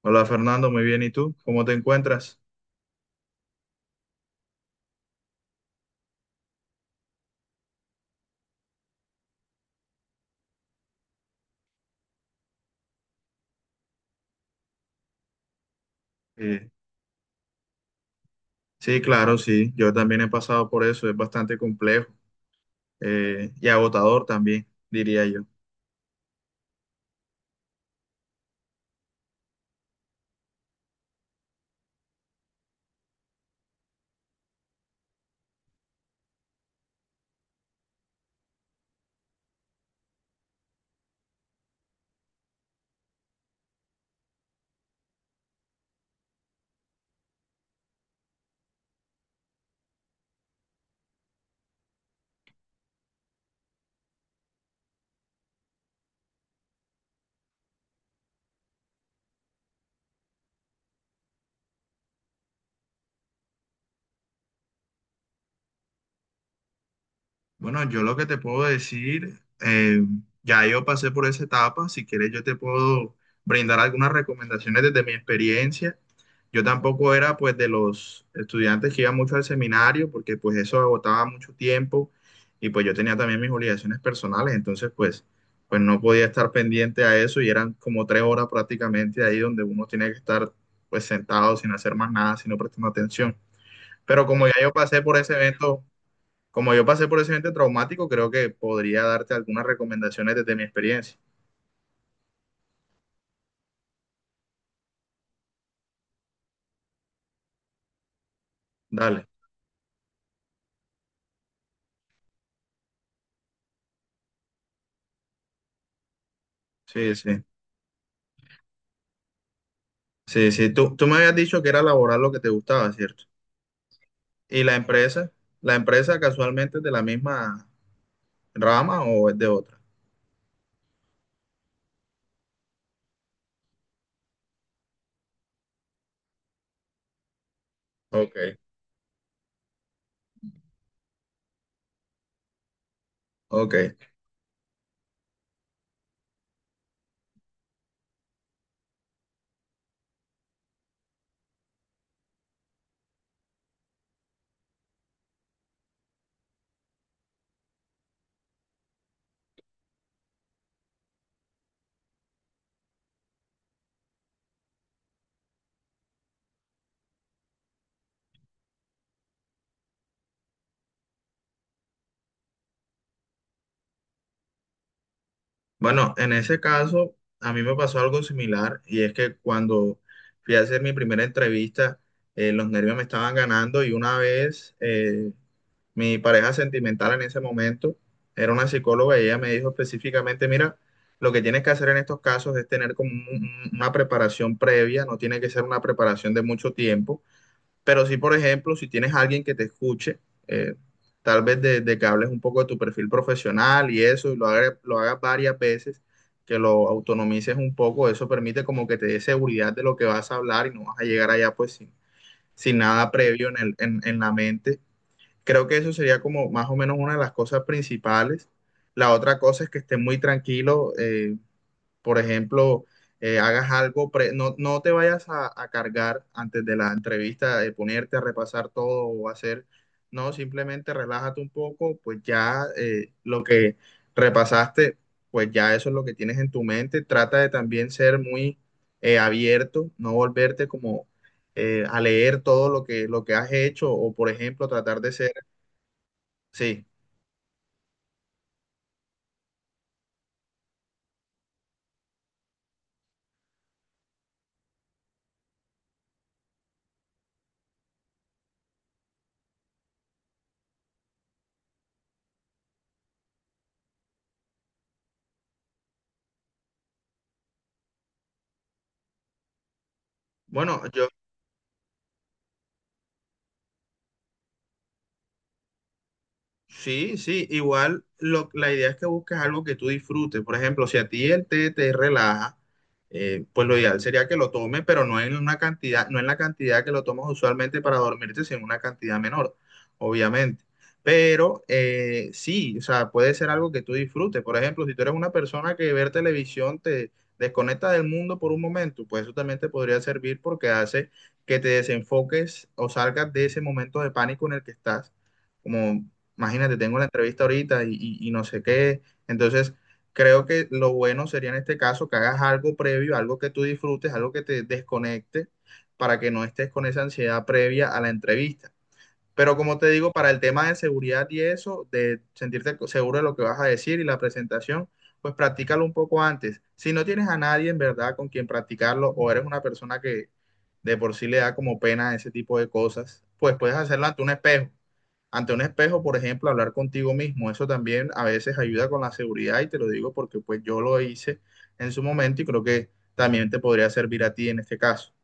Hola Fernando, muy bien. ¿Y tú? ¿Cómo te encuentras? Eh, sí, claro, sí. Yo también he pasado por eso. Es bastante complejo y agotador también, diría yo. Bueno, yo lo que te puedo decir, ya yo pasé por esa etapa. Si quieres, yo te puedo brindar algunas recomendaciones desde mi experiencia. Yo tampoco era pues de los estudiantes que iban mucho al seminario porque pues eso agotaba mucho tiempo, y pues yo tenía también mis obligaciones personales, entonces pues, pues no podía estar pendiente a eso, y eran como tres horas prácticamente ahí donde uno tiene que estar pues sentado sin hacer más nada, sino prestando atención. Pero como ya yo pasé por ese evento, traumático, creo que podría darte algunas recomendaciones desde mi experiencia. Dale. Sí, sí. Sí, sí. Tú me habías dicho que era laboral lo que te gustaba, ¿cierto? ¿Y la empresa? ¿La empresa casualmente es de la misma rama o es de otra? Ok. Ok. Bueno, en ese caso, a mí me pasó algo similar, y es que cuando fui a hacer mi primera entrevista, los nervios me estaban ganando, y una vez mi pareja sentimental en ese momento era una psicóloga, y ella me dijo específicamente, mira, lo que tienes que hacer en estos casos es tener como una preparación previa, no tiene que ser una preparación de mucho tiempo. Pero sí, por ejemplo, si tienes a alguien que te escuche, eh, tal vez de que hables un poco de tu perfil profesional y eso, y lo hagas varias veces, que lo autonomices un poco, eso permite como que te dé seguridad de lo que vas a hablar, y no vas a llegar allá pues sin, sin nada previo en en la mente. Creo que eso sería como más o menos una de las cosas principales. La otra cosa es que estés muy tranquilo, por ejemplo, hagas algo, no, no te vayas a cargar antes de la entrevista, de ponerte a repasar todo o hacer, no, simplemente relájate un poco, pues ya lo que repasaste, pues ya eso es lo que tienes en tu mente. Trata de también ser muy abierto, no volverte como a leer todo lo que has hecho o, por ejemplo, tratar de ser, sí. Bueno, yo sí, sí, igual la idea es que busques algo que tú disfrutes. Por ejemplo, si a ti el té te relaja, pues lo ideal sería que lo tomes, pero no en una cantidad, no en la cantidad que lo tomas usualmente para dormirte, sino en una cantidad menor, obviamente. Pero sí, o sea, puede ser algo que tú disfrutes. Por ejemplo, si tú eres una persona que ver televisión te desconecta del mundo por un momento, pues eso también te podría servir, porque hace que te desenfoques o salgas de ese momento de pánico en el que estás como imagínate, tengo la entrevista ahorita y, y no sé qué. Entonces, creo que lo bueno sería en este caso que hagas algo previo, algo que tú disfrutes, algo que te desconecte para que no estés con esa ansiedad previa a la entrevista. Pero como te digo, para el tema de seguridad y eso, de sentirte seguro de lo que vas a decir y la presentación, pues practícalo un poco antes. Si no tienes a nadie en verdad con quien practicarlo, o eres una persona que de por sí le da como pena ese tipo de cosas, pues puedes hacerlo ante un espejo. Ante un espejo, por ejemplo, hablar contigo mismo, eso también a veces ayuda con la seguridad, y te lo digo porque pues yo lo hice en su momento, y creo que también te podría servir a ti en este caso.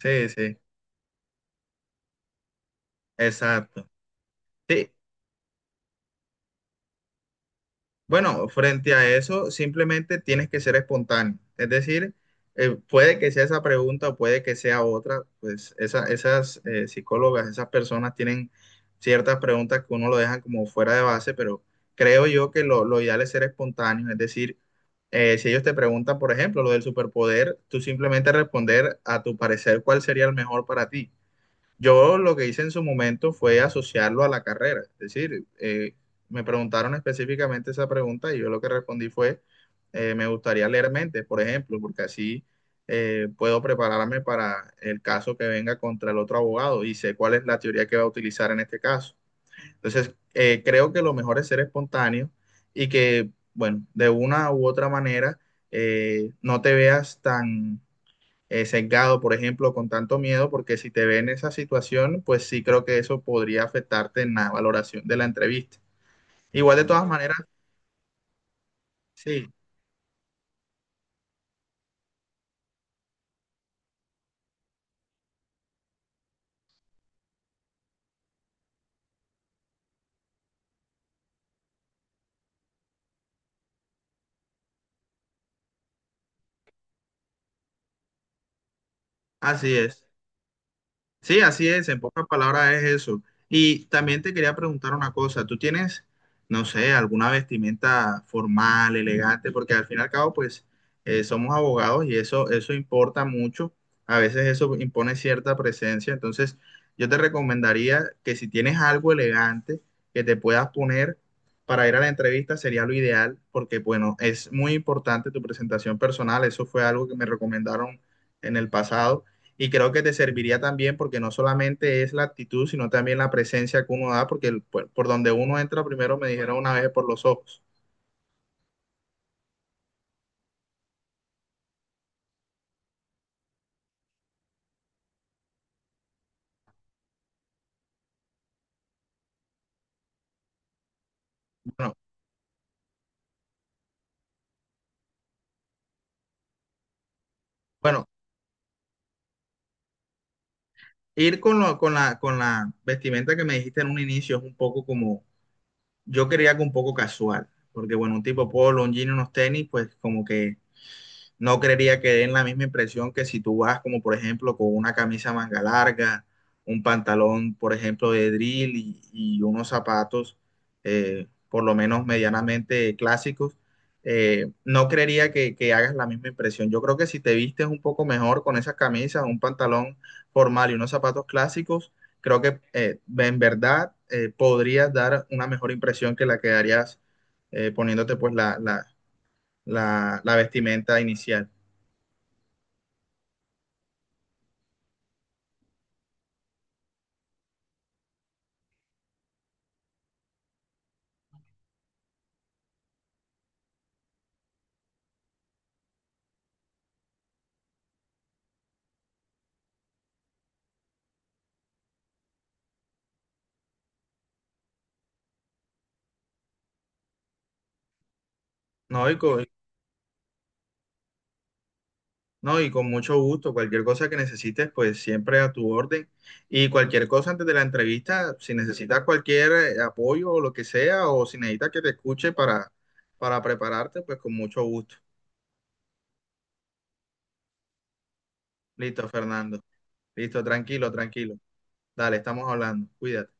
Sí, sí, exacto. Sí, bueno, frente a eso, simplemente tienes que ser espontáneo. Es decir, puede que sea esa pregunta o puede que sea otra, pues esas psicólogas, esas personas tienen ciertas preguntas que uno lo dejan como fuera de base, pero creo yo que lo ideal es ser espontáneo. Es decir, si ellos te preguntan, por ejemplo, lo del superpoder, tú simplemente responder a tu parecer cuál sería el mejor para ti. Yo lo que hice en su momento fue asociarlo a la carrera. Es decir, me preguntaron específicamente esa pregunta, y yo lo que respondí fue, me gustaría leer mentes, por ejemplo, porque así puedo prepararme para el caso que venga contra el otro abogado, y sé cuál es la teoría que va a utilizar en este caso. Entonces, creo que lo mejor es ser espontáneo, y que, bueno, de una u otra manera no te veas tan sesgado, por ejemplo, con tanto miedo, porque si te ven en esa situación, pues sí creo que eso podría afectarte en la valoración de la entrevista. Igual de todas Wow. maneras, sí, así es. Sí, así es, en pocas palabras es eso. Y también te quería preguntar una cosa, ¿tú tienes, no sé, alguna vestimenta formal, elegante? Porque al fin y al cabo, pues, somos abogados y eso importa mucho. A veces eso impone cierta presencia. Entonces, yo te recomendaría que si tienes algo elegante que te puedas poner para ir a la entrevista, sería lo ideal, porque, bueno, es muy importante tu presentación personal. Eso fue algo que me recomendaron en el pasado, y creo que te serviría también, porque no solamente es la actitud, sino también la presencia que uno da, porque por donde uno entra primero, me dijeron una vez, es por los ojos. Bueno, bueno, ir con, con con la vestimenta que me dijiste en un inicio es un poco como, yo quería algo un poco casual, porque bueno, un tipo polo, un jean, y unos tenis, pues como que no creería que den la misma impresión que si tú vas como por ejemplo con una camisa manga larga, un pantalón por ejemplo de drill y unos zapatos por lo menos medianamente clásicos, no creería que hagas la misma impresión. Yo creo que si te vistes un poco mejor con esas camisas, un pantalón formal y unos zapatos clásicos, creo que en verdad podrías dar una mejor impresión que la que darías poniéndote pues la la vestimenta inicial. No, y con, no, y con mucho gusto. Cualquier cosa que necesites, pues siempre a tu orden. Y cualquier cosa antes de la entrevista, si necesitas cualquier apoyo o lo que sea, o si necesitas que te escuche para prepararte, pues con mucho gusto. Listo, Fernando. Listo, tranquilo, tranquilo. Dale, estamos hablando. Cuídate.